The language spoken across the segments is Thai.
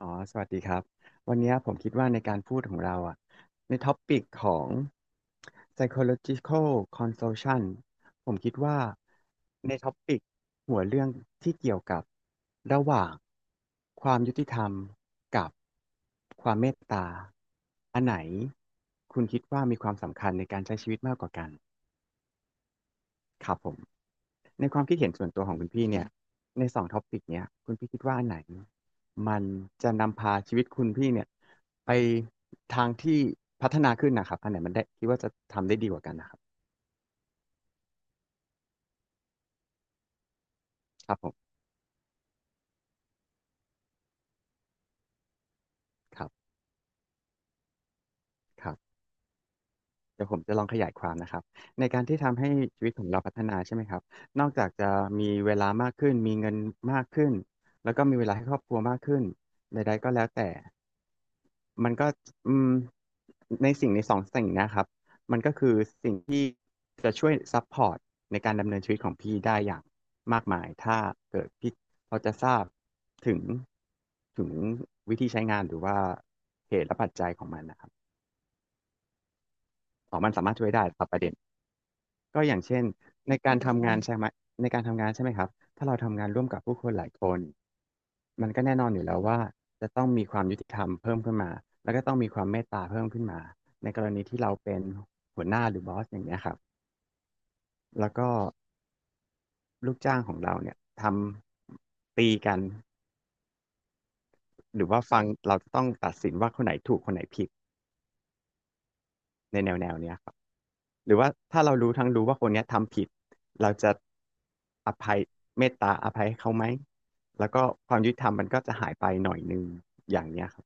อ๋อสวัสดีครับวันนี้ผมคิดว่าในการพูดของเราอ่ะในท็อปิกของ psychological consultation ผมคิดว่าในท็อปิกหัวเรื่องที่เกี่ยวกับระหว่างความยุติธรรมกับความเมตตาอันไหนคุณคิดว่ามีความสำคัญในการใช้ชีวิตมากกว่ากัน ครับผมในความคิดเห็นส่วนตัวของคุณพี่เนี่ยในสองท็อปิกเนี่ยคุณพี่คิดว่าอันไหนมันจะนำพาชีวิตคุณพี่เนี่ยไปทางที่พัฒนาขึ้นนะครับอันไหนมันได้คิดว่าจะทำได้ดีกว่ากันนะครับครับผมครับครับเดี๋ยวผมจะลองขยายความนะครับในการที่ทำให้ชีวิตของเราพัฒนาใช่ไหมครับนอกจากจะมีเวลามากขึ้นมีเงินมากขึ้นแล้วก็มีเวลาให้ครอบครัวมากขึ้นใดๆก็แล้วแต่ มันก็อืมในสิ่งในสองสิ่งเนะครับมันก็คือสิ่งที่จะช่วยซัพพอร์ตในการดำเนินชีวิตของพี่ได้อย่างมากมายถ้าเกิดพี่เขาจะทราบถึงถึงวิธีใช้งานหรือว่าเหตุและปัจจัยของมันนะครับอ๋อมันสามารถช่วยได้ครับประเด็น ก็อย่างเช่นในการทำงานใช่ไหมในการทำงานใช่ไหมครับถ้าเราทำงานร่วมกับผู้คนหลายคนมันก็แน่นอนอยู่แล้วว่าจะต้องมีความยุติธรรมเพิ่มขึ้นมาแล้วก็ต้องมีความเมตตาเพิ่มขึ้นมาในกรณีที่เราเป็นหัวหน้าหรือบอสอย่างเงี้ยครับแล้วก็ลูกจ้างของเราเนี่ยทำตีกันหรือว่าฟังเราจะต้องตัดสินว่าคนไหนถูกคนไหนผิดในแนวแนวเนี้ยครับ หรือว่าถ้าเรารู้ทั้งรู้ว่าคนเนี้ยทำผิดเราจะอภัยเมตตาอภัยให้เขาไหมแล้วก็ความยุติธรรมมันก็จะหายไปหน่อยนึงอย่างเนี้ยครับ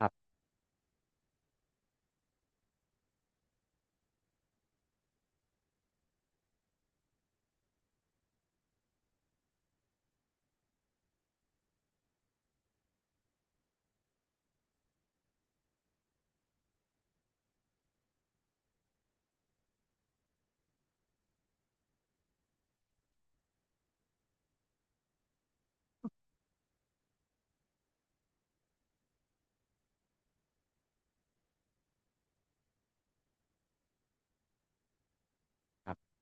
ครับครับ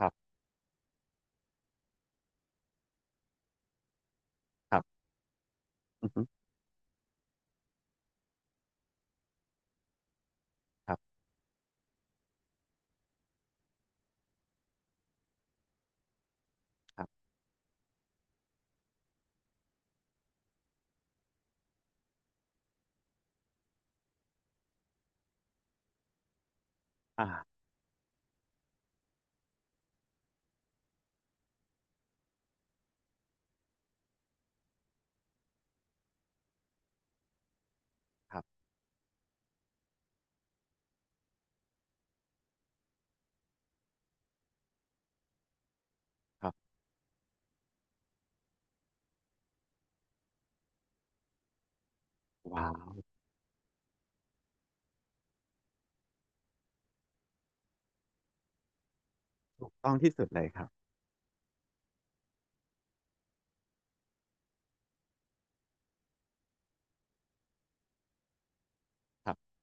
ครับครับอือฮึครับครับอ่าครับครับว้าวถูกต้องที่สุดเลยครับครับ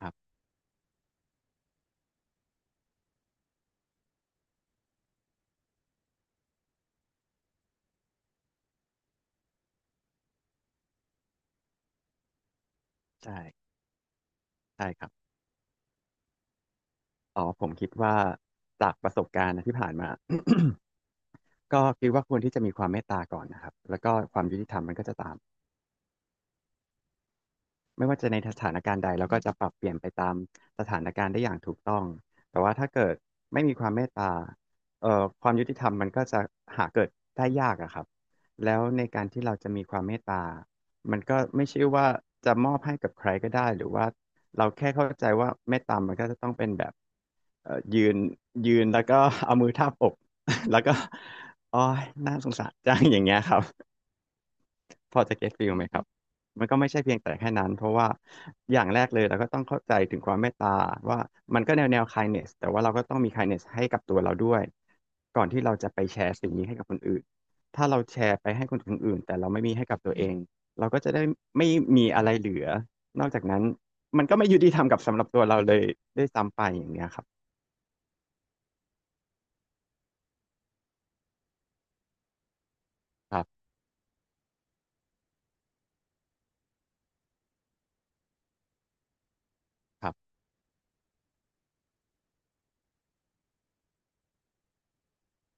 ครับใช่ใช่ครับอ๋อผมคิดว่าจากประสบการณ์นะที่ผ่านมา ก็คิดว่าควรที่จะมีความเมตตาก่อนนะครับแล้วก็ความยุติธรรมมันก็จะตาม ไม่ว่าจะในสถานการณ์ใดเราก็จะปรับเปลี่ยนไปตามสถานการณ์ได้อย่างถูกต้องแต่ว่าถ้าเกิดไม่มีความเมตตาความยุติธรรมมันก็จะหาเกิดได้ยากอะครับแล้วในการที่เราจะมีความเมตตามันก็ไม่ใช่ว่าจะมอบให้กับใครก็ได้หรือว่าเราแค่เข้าใจว่าเมตตามันก็จะต้องเป็นแบบยืนแล้วก็ เอามือทาบอก แล้วก็อ๋อยน่าสงสารจังอย่างเงี้ยครับ พอจะเก็ตฟีลไหมครับมันก็ไม่ใช่เพียงแต่แค่นั้น เพราะว่าอย่างแรกเลยเราก็ต้องเข้าใจถึงความเมตตาว่ามันก็แนวแนว kindness แต่ว่าเราก็ต้องมี kindness ให้กับตัวเราด้วยก่อนที่เราจะไปแชร์สิ่งนี้ให้กับคนอื่นถ้าเราแชร์ไปให้คนอื่นแต่เราไม่มีให้กับตัวเองเราก็จะได้ไม่มีอะไรเหลือ นอกจากนั้นมันก็ไม่ยุติธรรมกับสำหรับตัวเราเลยด้วยซ้ำไปอย่างเงี้ยครับครับครับ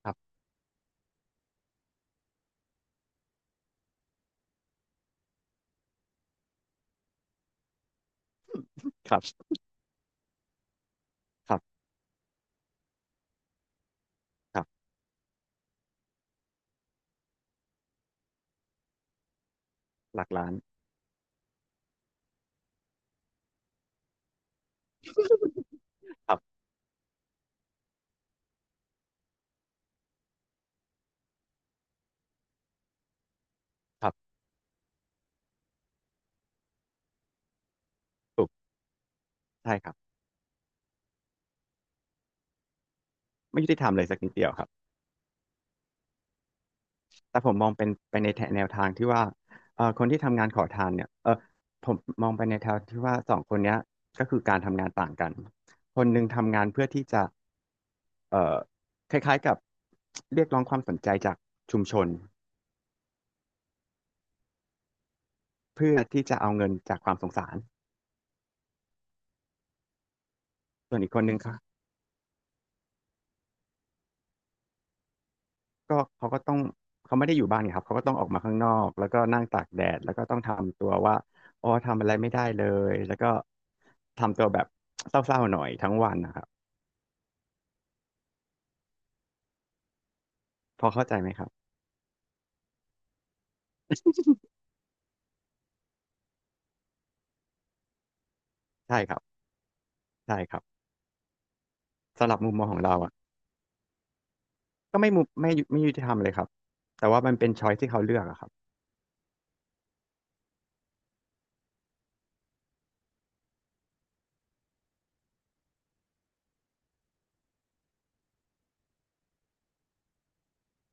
ครับครับครับครับหลักล้านครับครับถูกใช่ครับไม่ยุติธรรมเลยสักนิดเดียวครับ แต่ผมมองเป็นไปในแนวทางที่ว่าคนที่ทำงานขอทานเนี่ยผมมองไปในแนวที่ว่าสองคนเนี้ยก็คือการทำงานต่างกันคนหนึ่งทำงานเพื่อที่จะเอ่อคล้ายๆกับเรียกร้องความสนใจจากชุมชนเพื่อที่จะเอาเงินจากความสงสารส่วนอีกคนนึงเขาก็ต้องเขาไม่ได้อยู่บ้านไงครับเขาก็ต้องออกมาข้างนอกแล้วก็นั่งตากแดดแล้วก็ต้องทำตัวว่าอ๋อทำอะไรไม่ได้เลยแล้วก็ทำตัวแบบเศร้าๆหน่อยทั้งวันนะครับพอเข้าใจไหมครับใช่ครับ ใช่ครับสำหรับมุมมองของเราอ่ะก็ไม่มุมไม่ยุไม่ยุติธรรมเลยครับแต่ว่ามันเป็นช้อยที่เขาเลือกอะครับ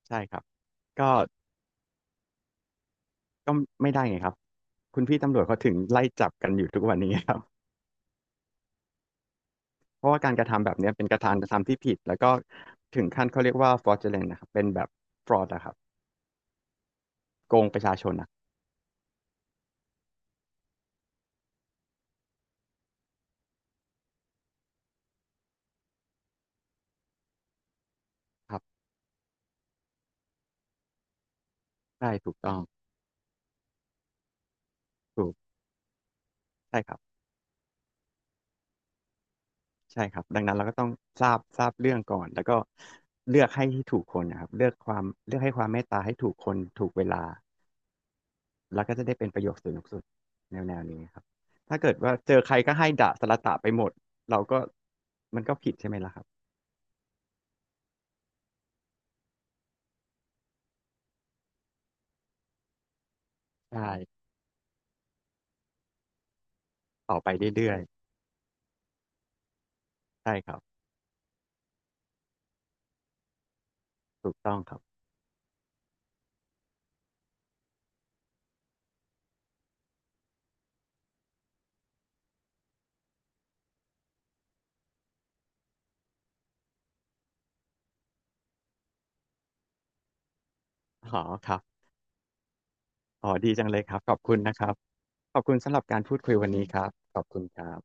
ใช่ครับก็ก็ไม่ได้ไงครับคุณพี่ตำรวจเขาถึงไล่จับกันอยู่ทุกวันนี้ครับ เพราะว่าการกระทำแบบเนี้ยเป็นการกระทำที่ผิดแล้วก็ถึงขั้นเขาเรียกว่า fraudulent นะครับเป็นแบบ fraud อะครับโกงประชาชนนะครับใช่ถูกต้องถูกใช่ครับใช่ครับดังนั้นเราก็ต้องทราบเรื่องก่อนแล้วก็เลือกให้ที่ถูกคนนะครับเลือกให้ความเมตตาให้ถูกคนถูกเวลา แล้วก็จะได้เป็นประโยคสนุกสุดแนวแนวนี้ครับถ้าเกิดว่าเจอใครก็ให้ด่าสละตะไปหมดเราก็มันก็ผิดใช่ไหมล่ะครับใช่ต่อไปเรื่อยๆใช่ครับถูกต้องครับอ๋อครับอ๋อดีจังเลยครับขอบคุณนะครับขอบคุณสำหรับการพูดคุยวันนี้ครับขอบคุณครับ